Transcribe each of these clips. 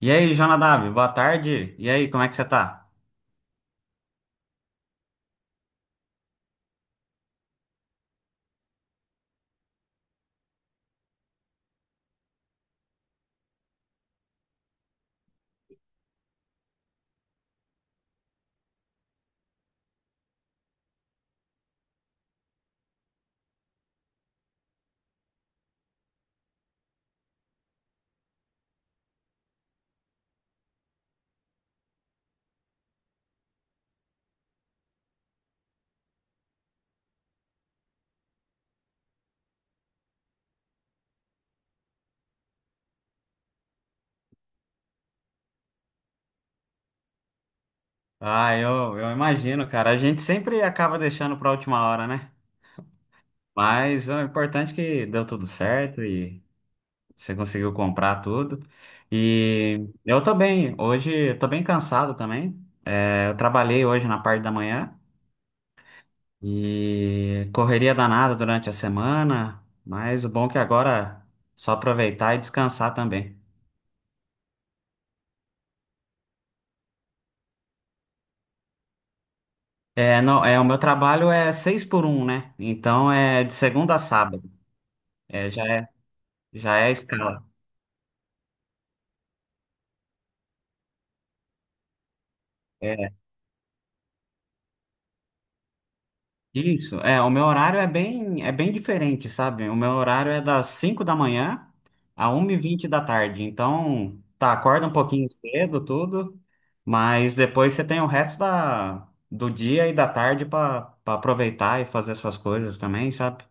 E aí, Jonadab, boa tarde. E aí, como é que você tá? Ah, eu imagino, cara. A gente sempre acaba deixando pra última hora, né? Mas o importante é que deu tudo certo e você conseguiu comprar tudo. E eu tô bem. Hoje eu tô bem cansado também. É, eu trabalhei hoje na parte da manhã e correria danada durante a semana, mas o bom é que agora é só aproveitar e descansar também. É, não, é, o meu trabalho é seis por um, né? Então é de segunda a sábado. É, já é a escala. É, isso. É, o meu horário é bem diferente, sabe? O meu horário é das 5 da manhã a 1 e vinte da tarde. Então, tá, acorda um pouquinho cedo, tudo, mas depois você tem o resto da, do dia e da tarde para aproveitar e fazer suas coisas também, sabe?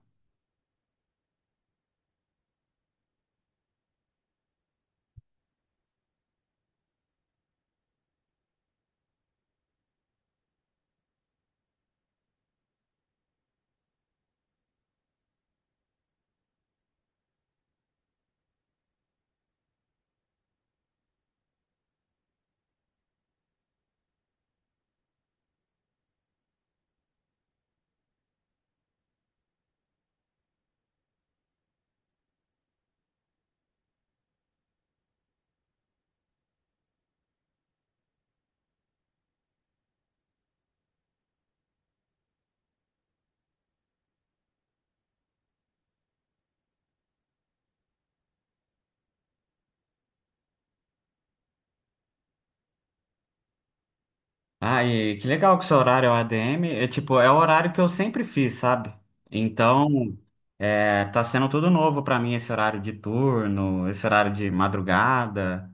Ah, e que legal que seu horário é o ADM. É tipo, é o horário que eu sempre fiz, sabe? Então, é, tá sendo tudo novo pra mim esse horário de turno, esse horário de madrugada.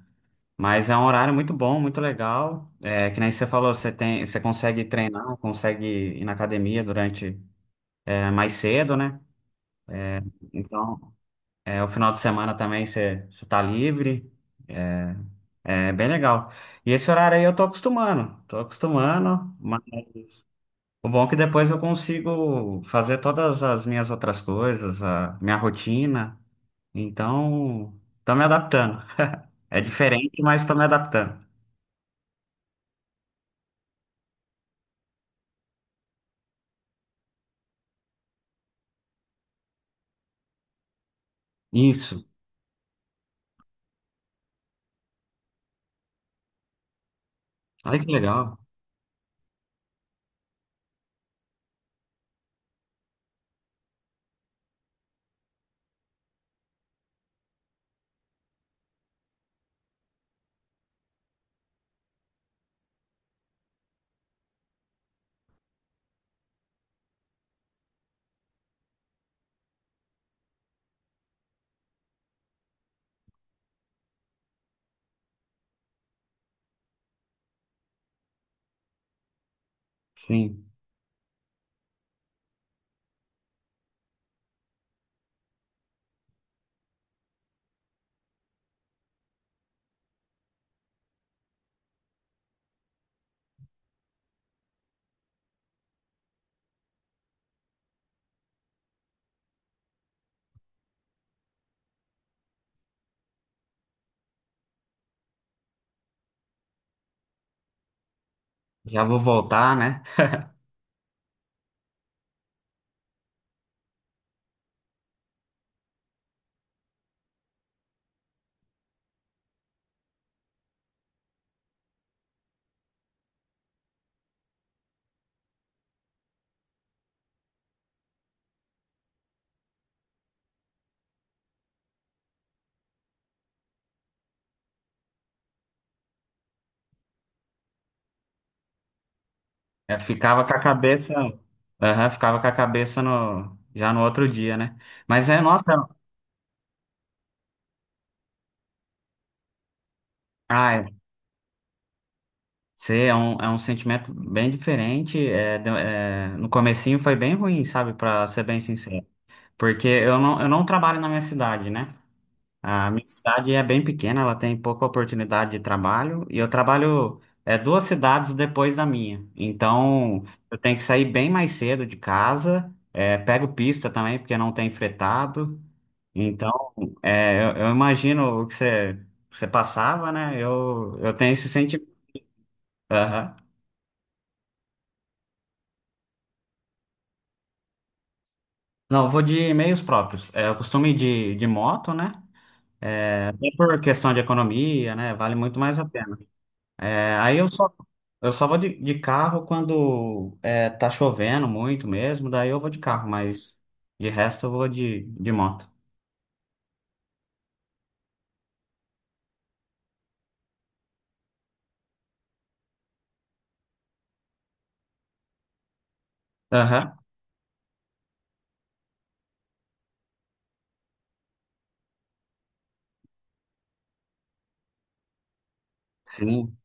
Mas é um horário muito bom, muito legal. É, que nem você falou, você consegue treinar, consegue ir na academia durante, é, mais cedo, né? Então, é, o final de semana também você tá livre. É, é bem legal. E esse horário aí eu tô acostumando, mas o bom é que depois eu consigo fazer todas as minhas outras coisas, a minha rotina. Então, tô me adaptando. É diferente, mas tô me adaptando. Isso. Olha que legal. Sim. Já vou voltar, né? Eu ficava com a cabeça. Aham, ficava com a cabeça no já no outro dia, né? Mas é, nossa, ah, é um sentimento bem diferente. É, é, no comecinho foi bem ruim, sabe? Pra ser bem sincero. Porque eu não trabalho na minha cidade, né? A minha cidade é bem pequena, ela tem pouca oportunidade de trabalho e eu trabalho é, duas cidades depois da minha. Então eu tenho que sair bem mais cedo de casa, é, pego pista também porque não tem fretado. Então é, eu imagino o que você passava, né? Eu tenho esse sentimento. Aham. Não, eu vou de meios próprios. É, eu costumo ir de moto, né? É, até por questão de economia, né? Vale muito mais a pena. É, aí eu só Eu só vou de carro quando é, tá chovendo muito mesmo, daí eu vou de carro, mas de resto eu vou de moto. Aham. Sim.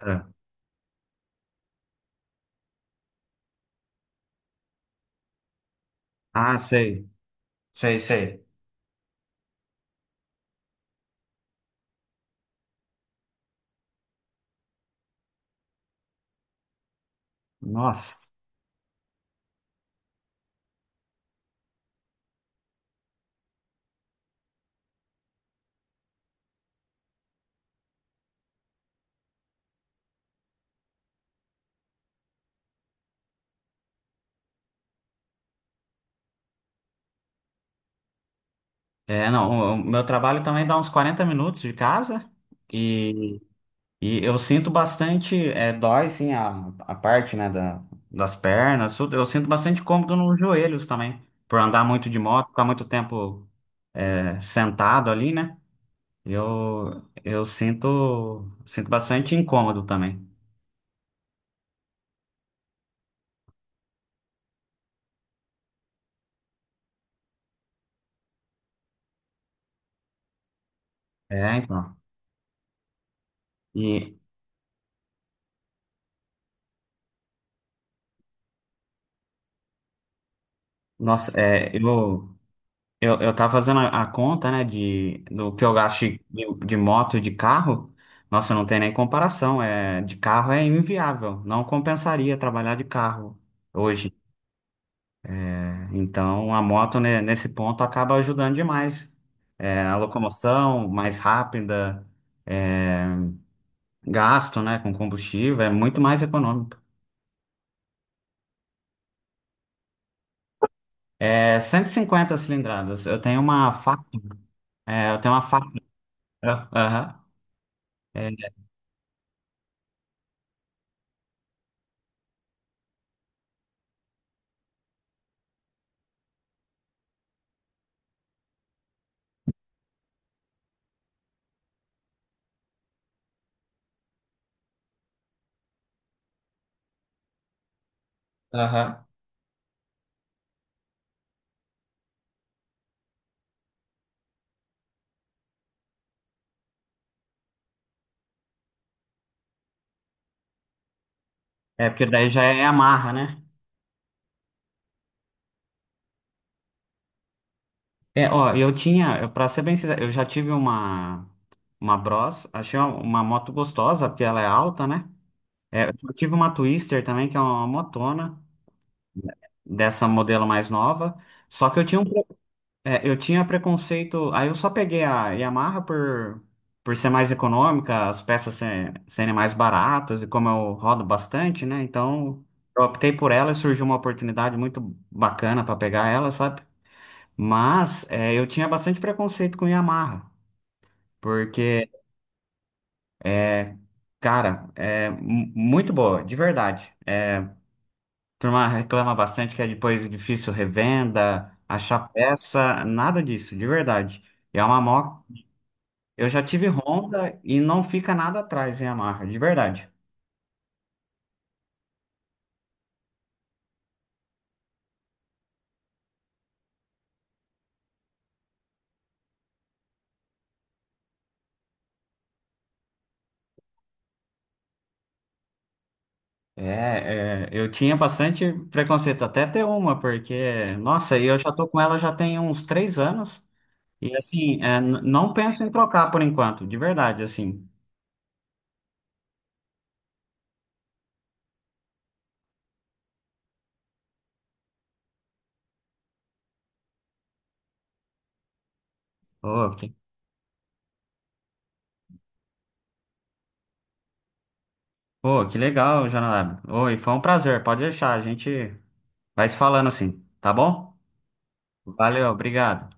É. Ah, sei. Sei, sei. Nossa. É, não, o meu trabalho também dá uns 40 minutos de casa e, e eu sinto bastante é, dói, sim, a parte, né, da, das pernas, tudo. Eu sinto bastante cômodo nos joelhos também, por andar muito de moto, ficar muito tempo é, sentado ali, né? Sinto bastante incômodo também. É, então. E, nossa, é, eu tava fazendo a conta, né, de, do que eu gasto de moto e de carro. Nossa, não tem nem comparação. É, de carro é inviável. Não compensaria trabalhar de carro hoje. Então, a moto, né, nesse ponto, acaba ajudando demais. É, a locomoção mais rápida, é, gasto, né, com combustível, é muito mais econômico. É 150 cilindradas. Eu tenho uma Factor. É, eu tenho uma Factor. Ah, aham. É, aham. É, porque daí já é Yamaha, né? É, ó, pra ser bem sincero, eu já tive uma Bros. Achei uma moto gostosa, porque ela é alta, né? É, eu tive uma Twister também, que é uma motona, dessa modelo mais nova. Só que eu tinha um é, eu tinha preconceito. Aí eu só peguei a Yamaha por ser mais econômica, as peças serem mais baratas, e como eu rodo bastante, né? Então eu optei por ela e surgiu uma oportunidade muito bacana para pegar ela, sabe? Mas é, eu tinha bastante preconceito com Yamaha, porque, é, cara, é muito boa, de verdade. É, a turma reclama bastante que é depois difícil revenda, achar peça, nada disso, de verdade. E é uma moto. Eu já tive Honda e não fica nada atrás em Yamaha, de verdade. É, é, eu tinha bastante preconceito até ter uma, porque, nossa, e eu já tô com ela já tem uns três anos. E assim, é, não penso em trocar por enquanto, de verdade, assim. Ô, que, ô, que legal, Jonadab. Ô, e foi um prazer, pode deixar, a gente vai se falando assim, tá bom? Valeu, obrigado.